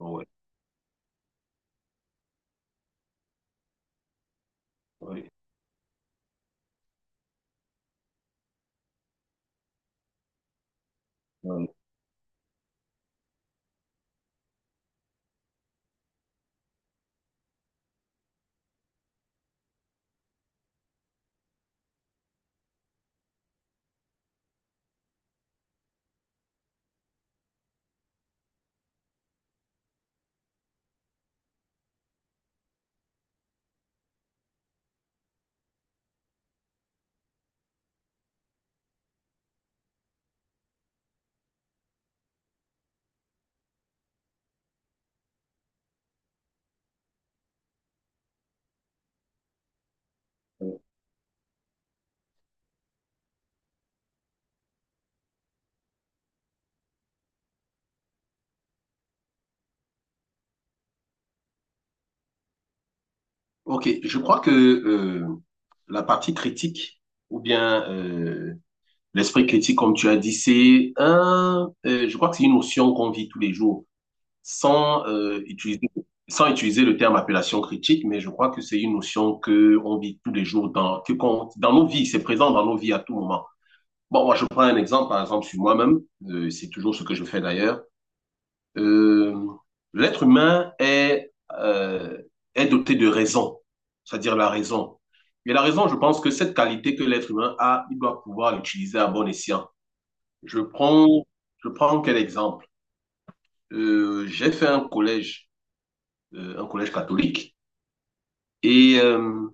Ouais, ouais. Ouais. Ouais. Ok, je crois que la partie critique, ou bien l'esprit critique, comme tu as dit, c'est un, je crois que c'est une notion qu'on vit tous les jours, sans utiliser, sans utiliser le terme appellation critique, mais je crois que c'est une notion que on vit tous les jours dans, que dans nos vies, c'est présent dans nos vies à tout moment. Bon, moi, je prends un exemple, par exemple, sur moi-même, c'est toujours ce que je fais d'ailleurs. euh, L'être humain est, euh, est doté de raison, c'est-à-dire la raison. Et la raison, je pense que cette qualité que l'être humain a, il doit pouvoir l'utiliser à bon escient. Je prends, je prends quel exemple? J'ai fait un collège catholique, et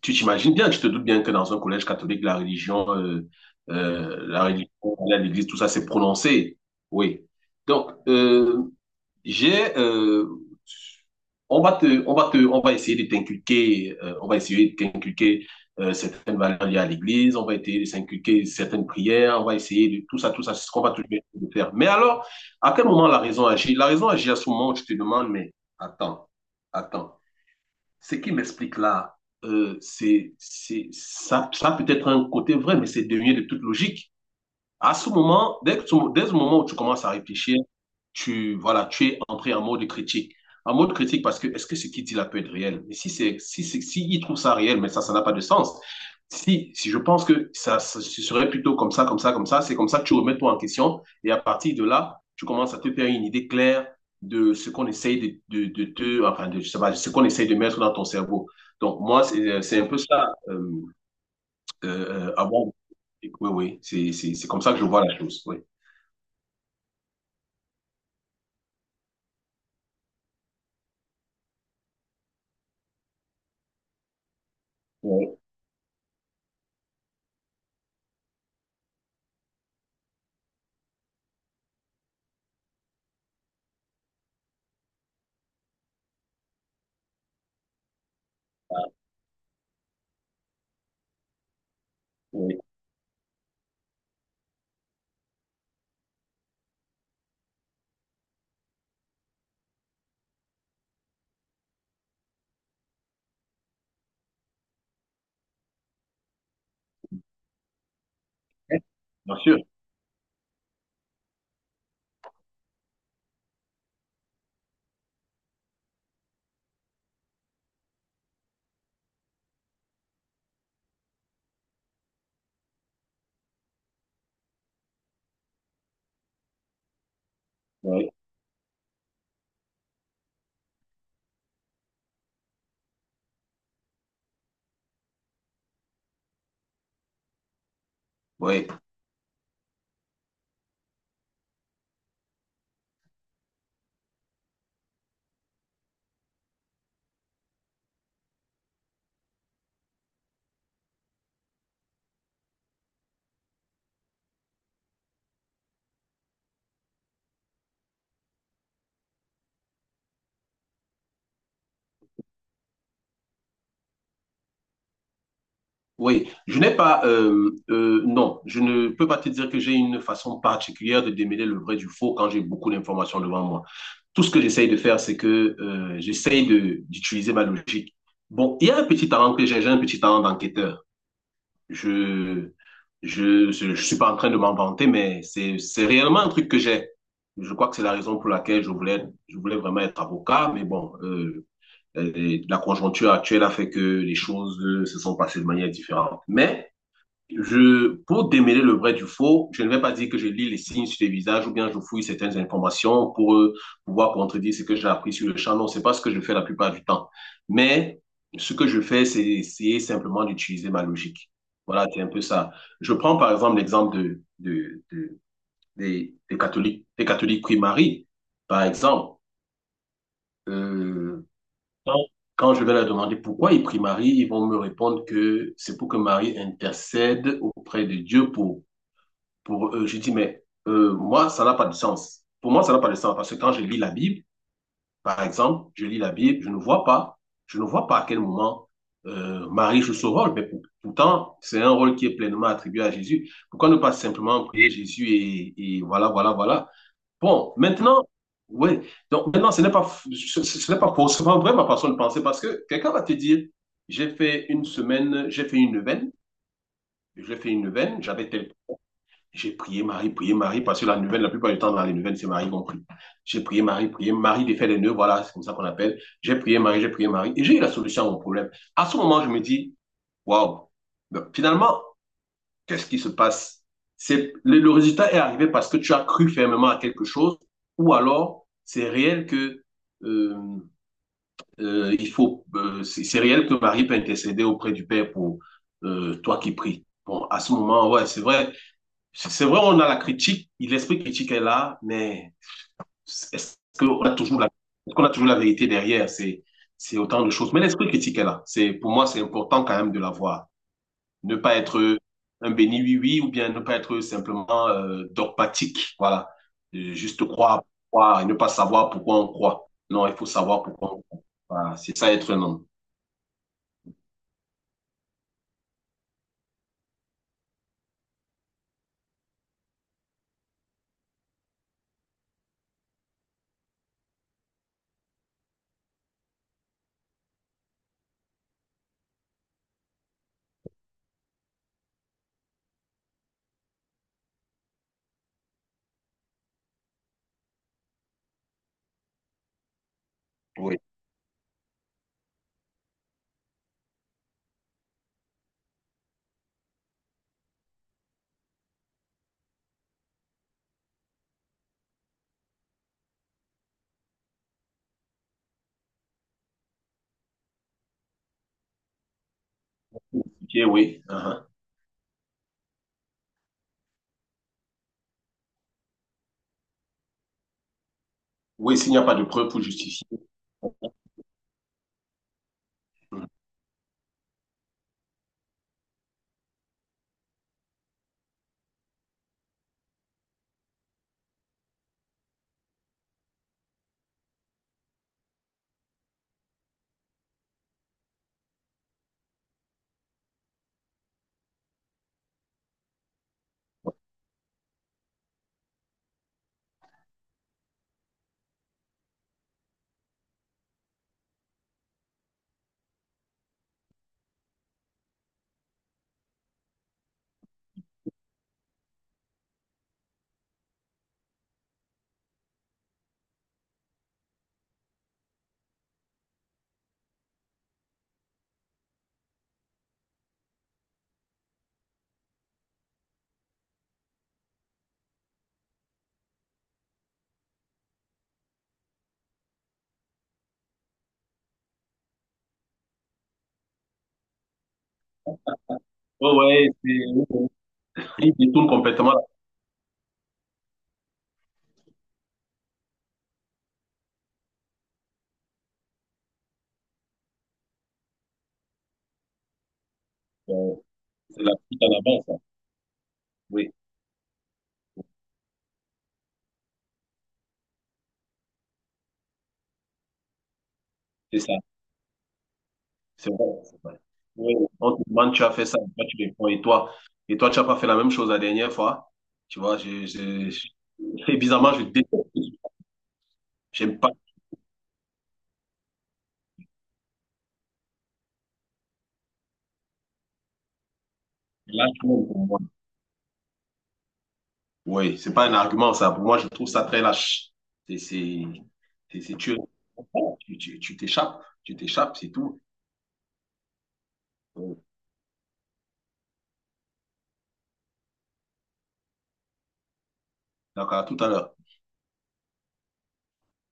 tu t'imagines bien, tu te doutes bien que dans un collège catholique, la religion, aller à l'église, tout ça, c'est prononcé. Oui. Donc, J'ai, euh, on on va essayer de t'inculquer, on va essayer de t'inculquer certaines valeurs liées à l'Église, on va essayer de t'inculquer certaines prières, on va essayer de tout ça, c'est ce qu'on va toujours essayer de faire. Mais alors, à quel moment la raison agit? La raison agit à ce moment où tu te demandes, mais attends, attends, ce qui m'explique là, c'est, ça peut être un côté vrai, mais c'est devenu de toute logique. À ce moment, dès le moment où tu commences à réfléchir, tu, voilà, tu es entré en mode critique. En mode critique parce que est-ce que ce qu'il dit là peut être réel? Mais si c'est, si c'est, si il trouve ça réel, mais ça n'a pas de sens. Si, si je pense que ça, ce serait plutôt comme ça, comme ça, comme ça, c'est comme ça que tu remets toi en question et à partir de là, tu commences à te faire une idée claire de ce qu'on essaye de te, enfin, de, je sais pas, ce qu'on essaye de mettre dans ton cerveau. Donc, moi, c'est un peu ça. Avant, oui, oui, c'est comme ça que je vois la chose. Oui, oui, oui. Bien sûr. Oui, oui, oui. Je n'ai pas, non, je ne peux pas te dire que j'ai une façon particulière de démêler le vrai du faux quand j'ai beaucoup d'informations devant moi. Tout ce que j'essaye de faire, c'est que d'utiliser ma logique. Bon, il y a un petit talent que j'ai un petit talent d'enquêteur. Je, je, je suis pas en train de m'en vanter, mais c'est réellement un truc que j'ai. Je crois que c'est la raison pour laquelle je voulais vraiment être avocat, mais bon, la conjoncture actuelle a fait que les choses se sont passées de manière différente. Mais je, pour démêler le vrai du faux, je ne vais pas dire que je lis les signes sur les visages ou bien je fouille certaines informations pour pouvoir contredire ce que j'ai appris sur le champ. Non, c'est pas ce que je fais la plupart du temps. Mais ce que je fais, c'est essayer simplement d'utiliser ma logique. Voilà, c'est un peu ça. Je prends par exemple l'exemple de, des catholiques prient Marie, par exemple. Euh, Quand, quand je vais leur demander pourquoi ils prient Marie, ils vont me répondre que c'est pour que Marie intercède auprès de Dieu pour, je dis, mais moi, ça n'a pas de sens. Pour moi, ça n'a pas de sens parce que quand je lis la Bible, par exemple, je lis la Bible, je ne vois pas, je ne vois pas à quel moment Marie joue ce rôle, mais pourtant, c'est un rôle qui est pleinement attribué à Jésus. Pourquoi ne pas simplement prier Jésus et voilà, voilà, voilà. Bon, maintenant, oui, donc maintenant, ce n'est pas, ce, ce n'est pas forcément vrai ma façon de penser parce que quelqu'un va te dire, j'ai fait une semaine, j'ai fait une veine, j'ai fait une veine, j'avais tel j'ai prié Marie, parce que la nouvelle, la plupart du temps, dans les nouvelles, c'est Marie qu'on prie. J'ai prié Marie, défait les nœuds, voilà, c'est comme ça qu'on appelle. J'ai prié Marie, et j'ai eu la solution à mon problème. À ce moment, je me dis, waouh, finalement, qu'est-ce qui se passe? C'est, le résultat est arrivé parce que tu as cru fermement à quelque chose, ou alors, c'est réel que, euh, il faut, c'est réel que Marie peut intercéder auprès du Père pour toi qui pries. Bon, à ce moment, ouais, c'est vrai, on a la critique, l'esprit critique est là, mais est-ce qu'on a toujours la, est-ce qu'on a toujours la vérité derrière? C'est autant de choses. Mais l'esprit critique est là. C'est, pour moi, c'est important quand même de l'avoir. Ne pas être un béni oui-oui ou bien ne pas être simplement dogmatique. Voilà. Juste croire, croire et ne pas savoir pourquoi on croit. Non, il faut savoir pourquoi on croit. Voilà. C'est ça être un homme. Oui. Ok, oui. Uh-huh. Oui, s'il n'y a pas de preuve pour justifier. Oh, ouais, il détourne complètement. la- C'est la suite à la base, ça. Oui, c'est ça. C'est vrai. C'est vrai. Oui, on te demande, tu as fait ça, toi, tu réponds. Et toi, tu n'as pas fait la même chose la dernière fois. Tu vois, je, et bizarrement, je déteste. J'aime pas. Lâche pour moi. Oui, c'est pas un argument, ça. Pour moi, je trouve ça très lâche. C'est, c'est, c'est, tu, tu, t'échappes. Tu t'échappes, c'est tout. Donc, à tout à l'heure.